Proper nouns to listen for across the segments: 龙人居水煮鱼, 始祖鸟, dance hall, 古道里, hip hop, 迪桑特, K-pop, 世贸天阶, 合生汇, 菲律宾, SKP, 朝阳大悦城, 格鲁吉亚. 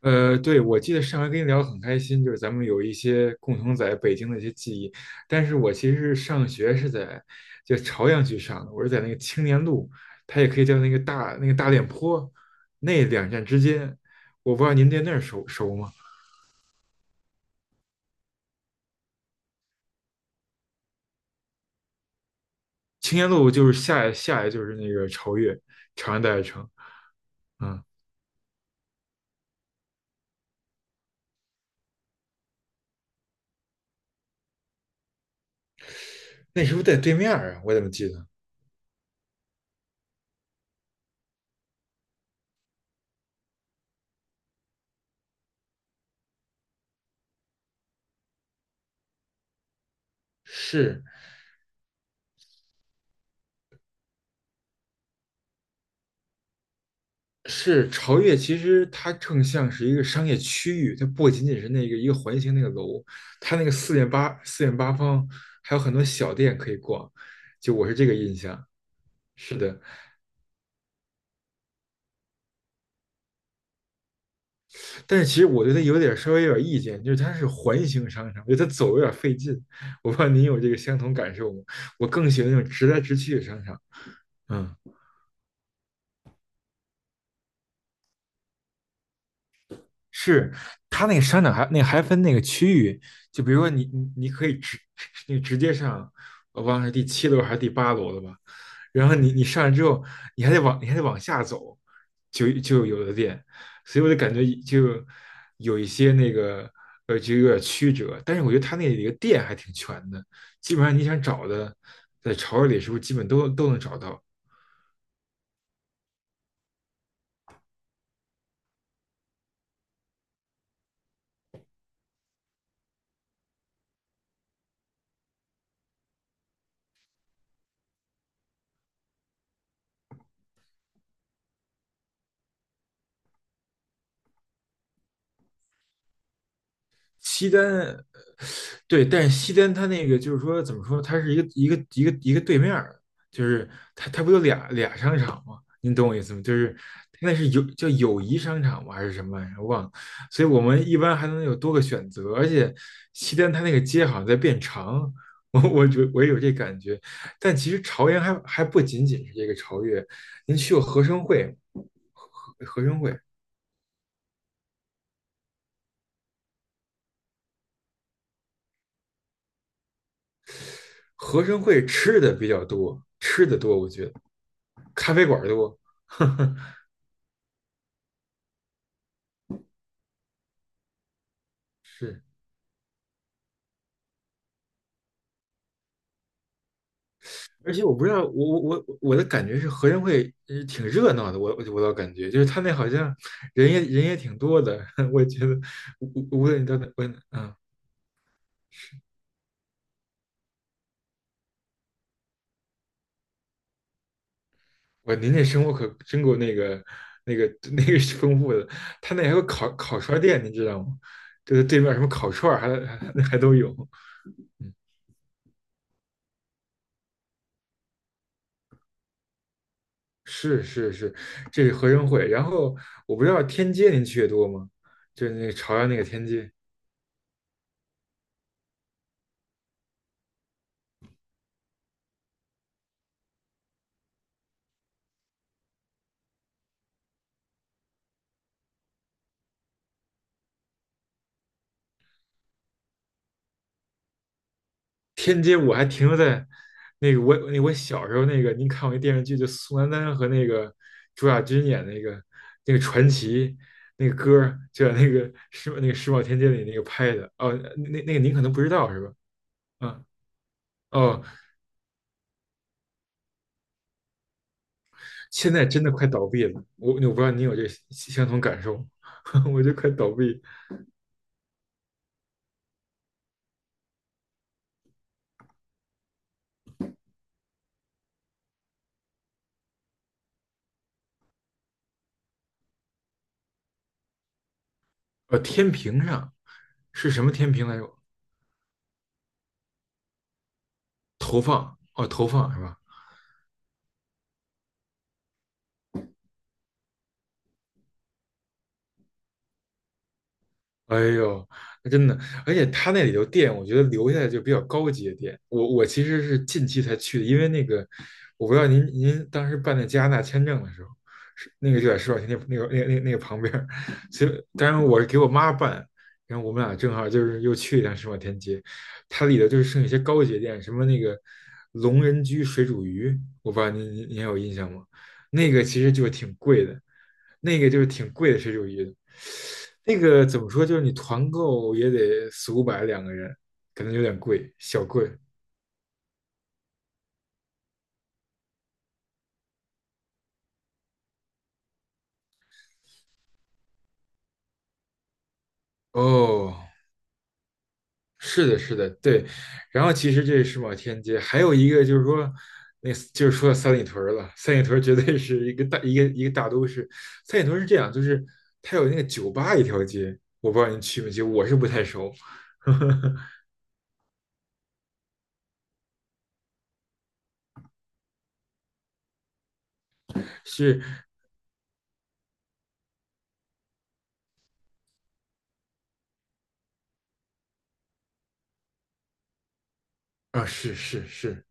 对，我记得上回跟你聊得很开心，就是咱们有一些共同在北京的一些记忆。但是我其实是上学是在就朝阳区上的，我是在那个青年路，它也可以叫那个大练坡那两站之间。我不知道您对那儿熟吗？青年路就是下来就是那个朝越，朝阳大悦城。嗯，那是不是在对面儿啊？我怎么记得是？是朝越，其实它更像是一个商业区域，它不仅仅是那个一个环形那个楼，它那个四面八方还有很多小店可以逛，就我是这个印象。是的。但是其实我对它有点稍微有点意见，就是它是环形商场，我觉得它走有点费劲。我不知道您有这个相同感受吗？我更喜欢那种直来直去的商场。嗯，是，它那个商场还那个还分那个区域，就比如说你可以直接上，我忘了是第七楼还是第八楼了吧，然后你你上来之后，你还得往你还得往下走，就有的店，所以我就感觉就有一些那个就有点曲折，但是我觉得它那里的店还挺全的，基本上你想找的在潮市里是不是基本都能找到。西单，对，但是西单它那个就是说怎么说，它是一个对面儿，就是它它不有俩商场吗？您懂我意思吗？就是那是叫友谊商场吗？还是什么玩意儿？我忘了。所以我们一般还能有多个选择，而且西单它那个街好像在变长，我也有这感觉。但其实朝阳还不仅仅是这个朝越，您去过合生汇吗？合生汇。合生汇吃的比较多，吃的多，我觉得咖啡馆多，呵多，是。而且我不知道，我的感觉是合生汇挺热闹的，我倒感觉就是他那好像人也挺多的，我觉得无论你到哪，我嗯，我您那生活可真够那个那个丰富的，他那还有烤串店，你知道吗？就是对面什么烤串儿还都有，嗯。是是是，这是合生汇。然后我不知道天街您去的多吗？就是那个朝阳那个天街。天街我还停留在我小时候那个，您看过一电视剧，就宋丹丹和那个朱亚军演那个传奇那个歌儿就在那个世贸天阶里那个拍的。哦，那个您可能不知道是吧？嗯，哦，现在真的快倒闭了，我不知道您有这相同感受，我就快倒闭。天平上是什么天平来着？投放，哦，投放是吧？哎呦，那真的，而且它那里头店，我觉得留下来就比较高级的店。我其实是近期才去的，因为那个我不知道您当时办那加拿大签证的时候，是那个就在石老天那个旁边儿，所以当然我是给我妈办，然后我们俩正好就是又去一趟石老天街，它里头就是剩一些高级的店，什么那个龙人居水煮鱼，我不知道您还有印象吗？那个其实就是挺贵的，那个就是挺贵的水煮鱼。那个怎么说，就是你团购也得四五百两个人，可能有点贵，小贵。哦，是的，是的，对。然后其实这是世贸天阶，还有一个就是说，那就是说到三里屯儿了。三里屯儿绝对是一个大都市。三里屯儿是这样，就是它有那个酒吧一条街，我不知道您去没去，我是不太熟。是啊，是是是，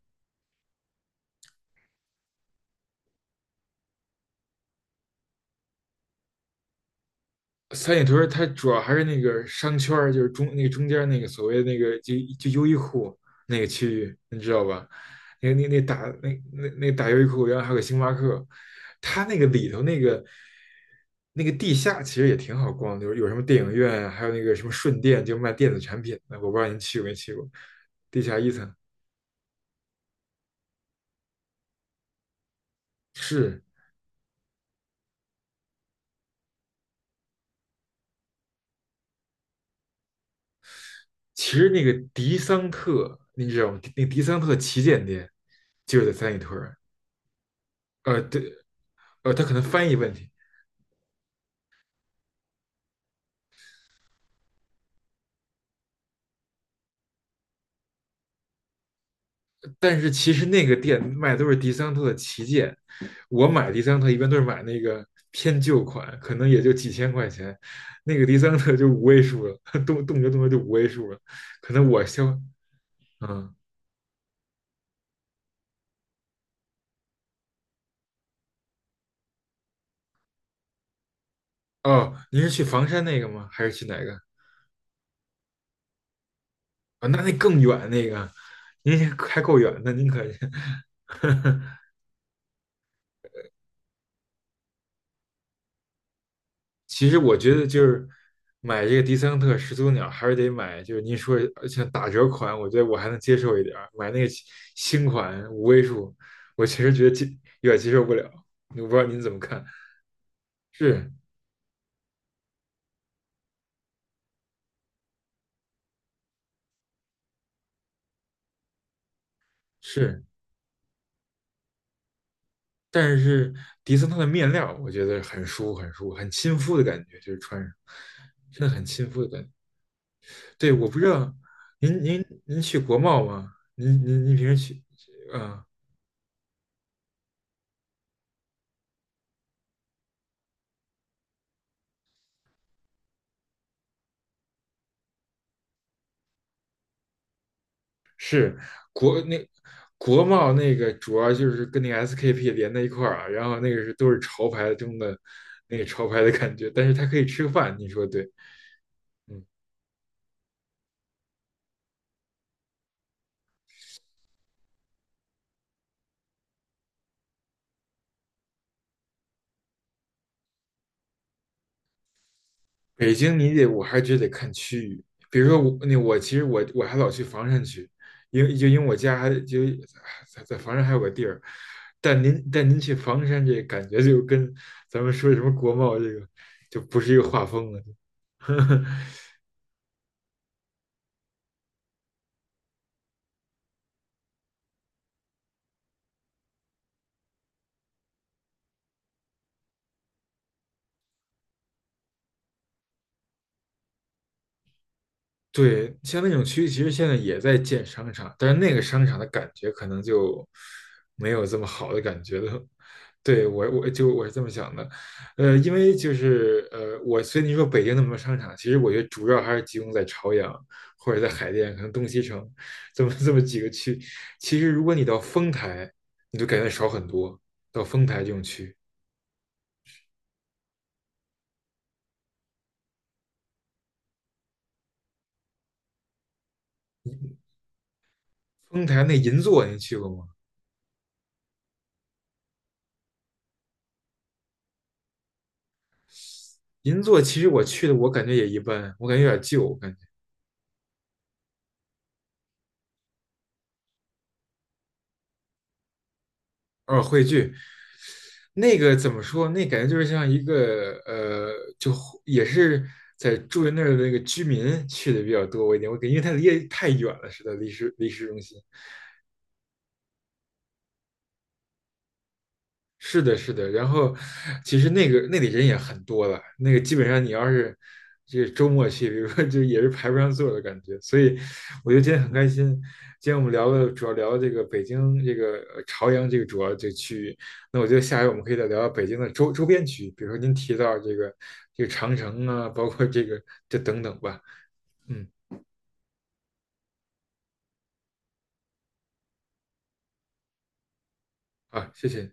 三里屯儿它主要还是那个商圈儿就是中间儿那个所谓那个就优衣库那个区域，你知道吧？那那那大那那那大优衣库，然后还有个星巴克，它那个里头那个那个地下其实也挺好逛的，有什么电影院啊还有那个什么顺电，就卖电子产品的，我不知道您去过没去过，地下一层是。其实那个迪桑特，你知道吗？那迪桑特旗舰店就是在三里屯儿。呃，对，呃，它可能翻译问题。但是其实那个店卖的都是迪桑特的旗舰，我买迪桑特一般都是买那个偏旧款，可能也就几千块钱，那个迪桑特就五位数了，动辄就五位数了，可能我消，嗯，哦，您是去房山那个吗？还是去哪个？啊、那那更远那个，您还够远的，您可是。其实我觉得就是买这个迪桑特始祖鸟，还是得买，就是您说像打折款，我觉得我还能接受一点儿。买那个新款五位数，我其实觉得有点接受不了。我不知道您怎么看？是是，但是迪桑特的面料，我觉得很舒服，很舒服，很亲肤的感觉，就是穿上真的很亲肤的感觉。对，我不知道您去国贸吗？您平时去？嗯、是，国那国贸那个主要就是跟那个 SKP 连在一块儿啊，然后那个是都是潮牌中的那个潮牌的感觉，但是它可以吃饭，你说对？嗯，北京你得我还觉得得看区域，比如说我其实我还老去房山区，因为我家还就在房山还有个地儿，但您去房山这感觉就跟咱们说什么国贸这个就不是一个画风了。对，像那种区其实现在也在建商场，但是那个商场的感觉可能就没有这么好的感觉了。对，我是这么想的，因为就是我所以你说北京那么多商场，其实我觉得主要还是集中在朝阳或者在海淀，可能东西城这么几个区。其实如果你到丰台，你就感觉少很多。到丰台这种区，丰台那银座您去过吗？银座其实我去的，我感觉也一般，我感觉有点旧，我感觉。偶尔汇聚，那个怎么说？那感觉就是像一个就也是在住在那儿的那个居民去的比较多一点。我感觉因为它离得太远了，是的，离市中心。是的，是的。然后，其实那个那里人也很多了，那个基本上你要是这个周末去，比如说就也是排不上座的感觉。所以，我觉得今天很开心。今天我们聊了，主要聊了这个北京这个朝阳这个主要这个区域。那我觉得下回我们可以再聊聊北京的周边区域，比如说您提到这个长城啊，包括这个等等吧。嗯，啊，谢谢。